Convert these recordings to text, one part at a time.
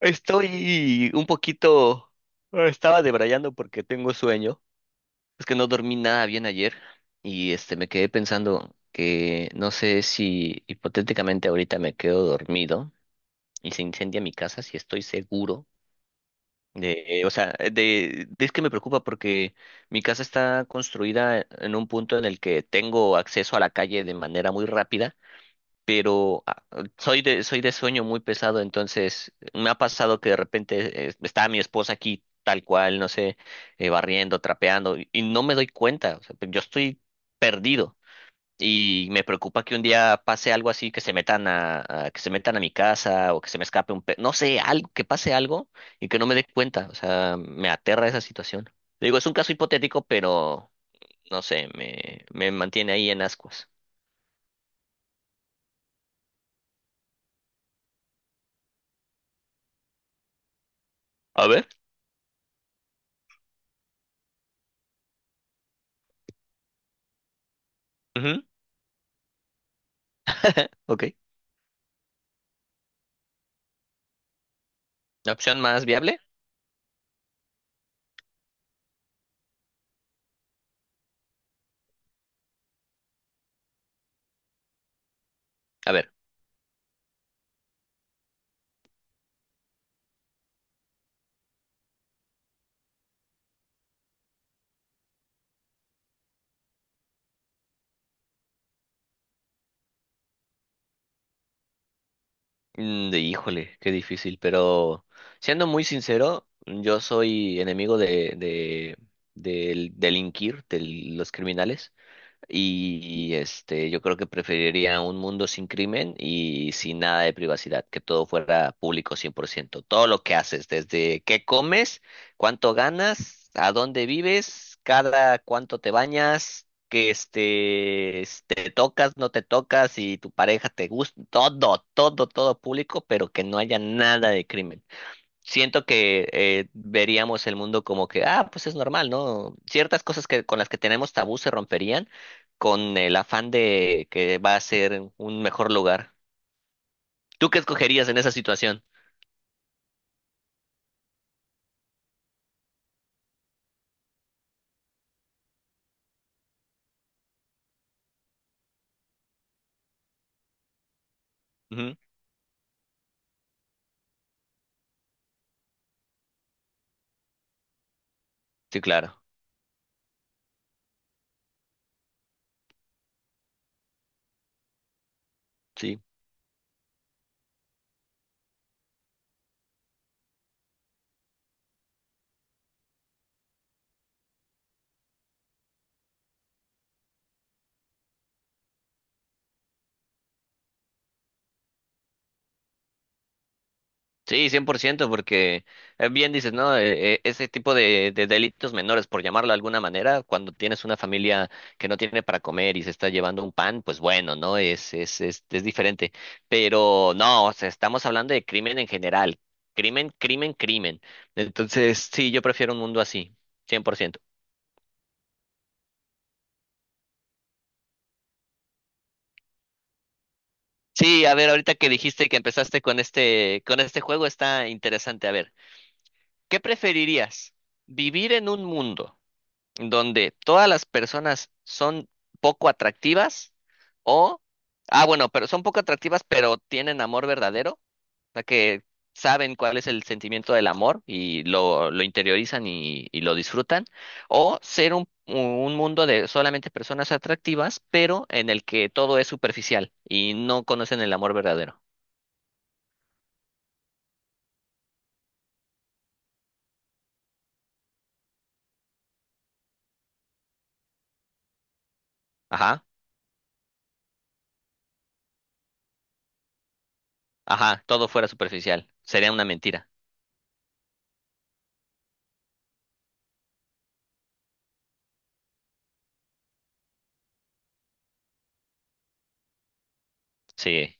Estoy un poquito... estaba debrayando porque tengo sueño. Es que no dormí nada bien ayer y este me quedé pensando que no sé si hipotéticamente ahorita me quedo dormido y se incendia mi casa, si estoy seguro de, o sea, es que me preocupa porque mi casa está construida en un punto en el que tengo acceso a la calle de manera muy rápida pero soy de sueño muy pesado. Entonces me ha pasado que de repente está mi esposa aquí tal cual, no sé, barriendo, trapeando, y no me doy cuenta, o sea, yo estoy perdido. Y me preocupa que un día pase algo así, que se metan a, que se metan a mi casa o que se me escape un pe, no sé, algo, que pase algo y que no me dé cuenta. O sea, me aterra esa situación. Digo, es un caso hipotético, pero no sé, me mantiene ahí en ascuas. A ver. Ujú. Ok. La opción más viable. A ver, mm, de híjole, qué difícil, pero siendo muy sincero, yo soy enemigo de del delinquir, de los criminales. Y este, yo creo que preferiría un mundo sin crimen y sin nada de privacidad, que todo fuera público 100%. Todo lo que haces, desde qué comes, cuánto ganas, a dónde vives, cada cuánto te bañas, que este, s- te tocas, no te tocas, y tu pareja te gusta, todo, todo, todo público, pero que no haya nada de crimen. Siento que veríamos el mundo como que, ah, pues es normal, ¿no? Ciertas cosas que con las que tenemos tabú se romperían con el afán de que va a ser un mejor lugar. ¿Tú qué escogerías en esa situación? Ujú. Sí, claro. Sí. Sí, 100%, porque bien dices, ¿no? Ese tipo de delitos menores, por llamarlo de alguna manera, cuando tienes una familia que no tiene para comer y se está llevando un pan, pues bueno, ¿no? Es diferente. Pero no, o sea, estamos hablando de crimen en general. Crimen, crimen, crimen. Entonces, sí, yo prefiero un mundo así, 100%. Sí, a ver, ahorita que dijiste que empezaste con este juego, está interesante. A ver, ¿qué preferirías? ¿Vivir en un mundo donde todas las personas son poco atractivas o, ah, bueno, pero son poco atractivas, pero tienen amor verdadero? O sea, que saben cuál es el sentimiento del amor y lo interiorizan y lo disfrutan, o ser un mundo de solamente personas atractivas, pero en el que todo es superficial y no conocen el amor verdadero. Ajá, ajá, todo fuera superficial. Sería una mentira. Sí.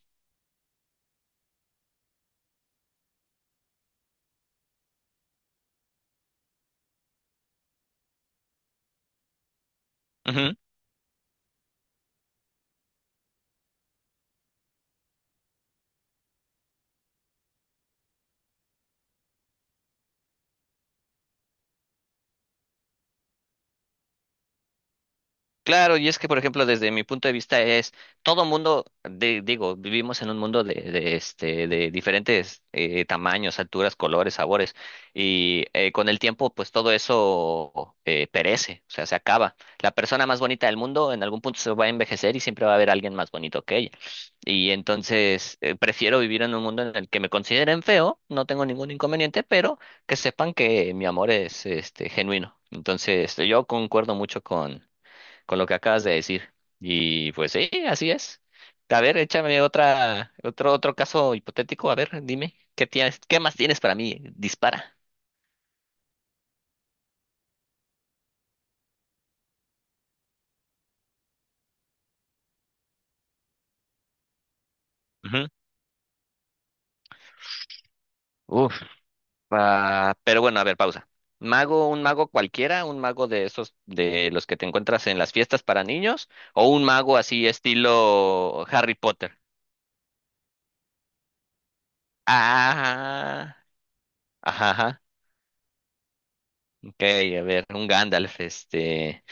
Claro, y es que, por ejemplo, desde mi punto de vista es, todo mundo, de- digo, vivimos en un mundo este, de diferentes tamaños, alturas, colores, sabores, y con el tiempo, pues todo eso perece, o sea, se acaba. La persona más bonita del mundo en algún punto se va a envejecer y siempre va a haber alguien más bonito que ella. Y entonces, prefiero vivir en un mundo en el que me consideren feo, no tengo ningún inconveniente, pero que sepan que mi amor es este, genuino. Entonces, yo concuerdo mucho con lo que acabas de decir. Y pues sí, así es. A ver, échame otra, otro, otro caso hipotético. A ver, dime, ¿qué tienes, qué más tienes para mí? Dispara. Ujú. Uf, ah, pero bueno, a ver, pausa. Mago, un mago cualquiera, un mago de esos, de los que te encuentras en las fiestas para niños, o un mago así estilo Harry Potter. Ah, ajá, ajá. Ok, a ver, un Gandalf, este.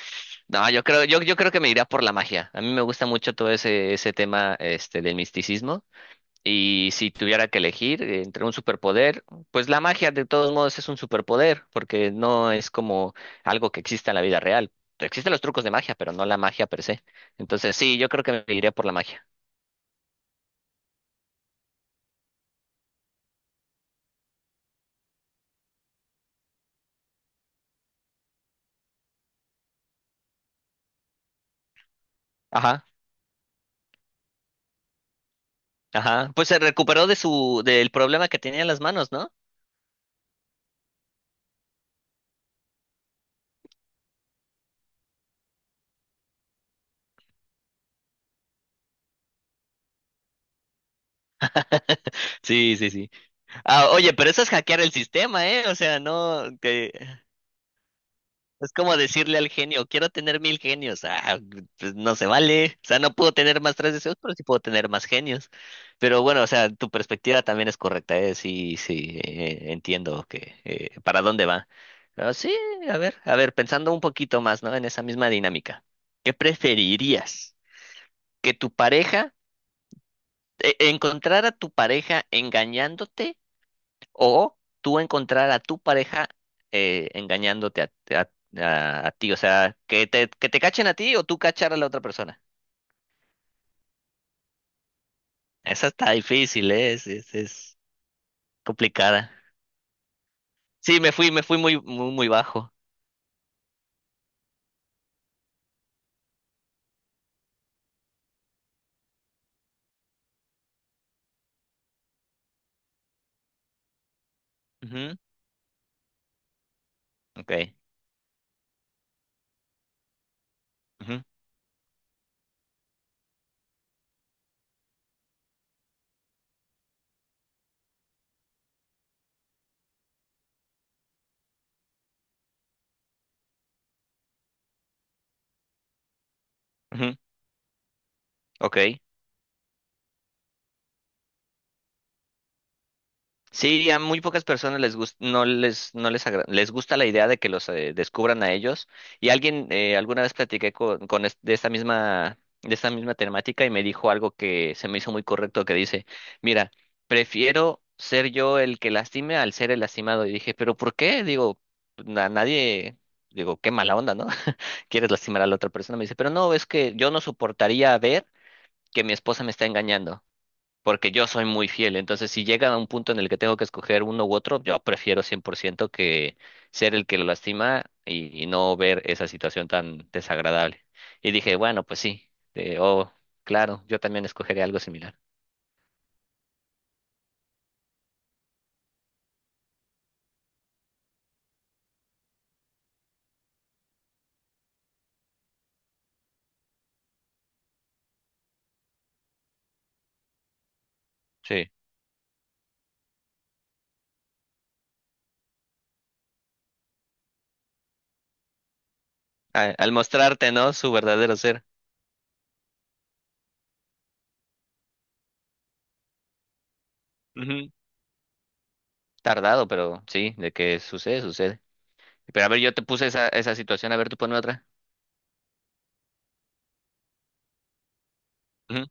No, yo creo, yo creo que me iría por la magia. A mí me gusta mucho todo ese, ese tema este, del misticismo. Y si tuviera que elegir entre un superpoder, pues la magia de todos modos es un superpoder, porque no es como algo que exista en la vida real. Existen los trucos de magia, pero no la magia per se. Entonces sí, yo creo que me iría por la magia. Ajá, ajá. Pues se recuperó de su, del problema que tenía en las manos, ¿no? Sí, sí, sí. Ah, oye, pero eso es hackear el sistema, ¿eh? O sea, no, que es como decirle al genio, quiero tener 1.000 genios. Ah, pues no se vale. O sea, no puedo tener más tres deseos, pero sí puedo tener más genios. Pero bueno, o sea, tu perspectiva también es correcta, ¿eh? Sí, sí, entiendo que para dónde va. Pero sí, a ver, pensando un poquito más, ¿no? En esa misma dinámica. ¿Qué preferirías? ¿Que tu pareja, encontrar a tu pareja engañándote o tú encontrar a tu pareja engañándote a, a ti? O sea, que te cachen a ti o tú cachar a la otra persona. Esa está difícil, ¿eh? Es complicada. Sí, me fui muy, muy, muy bajo. Ujú. Ok. Ujú, ujú. Ok. Sí, a muy pocas personas les gusta, no les, no les, agra- les gusta la idea de que los descubran a ellos. Y alguien, alguna vez platiqué con es- de esta misma temática y me dijo algo que se me hizo muy correcto, que dice, mira, prefiero ser yo el que lastime al ser el lastimado. Y dije, ¿pero por qué? Digo, a nadie, digo, qué mala onda, ¿no? Quieres lastimar a la otra persona. Me dice, pero no, es que yo no soportaría ver que mi esposa me está engañando porque yo soy muy fiel. Entonces, si llega a un punto en el que tengo que escoger uno u otro, yo prefiero 100% que ser el que lo lastima y no ver esa situación tan desagradable. Y dije, bueno, pues sí, oh, claro, yo también escogeré algo similar. Sí. A- al mostrarte, ¿no? Su verdadero ser. Ujú. Tardado, pero sí, de que sucede, sucede. Pero a ver, yo te puse esa, esa situación, a ver, tú ponme otra. Ujú.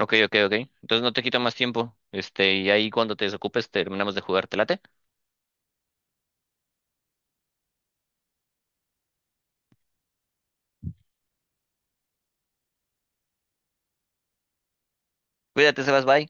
Ok, ok, ok. Entonces no te quito más tiempo. Este, y ahí cuando te desocupes terminamos de jugar, ¿te late? Cuídate, Sebas, bye.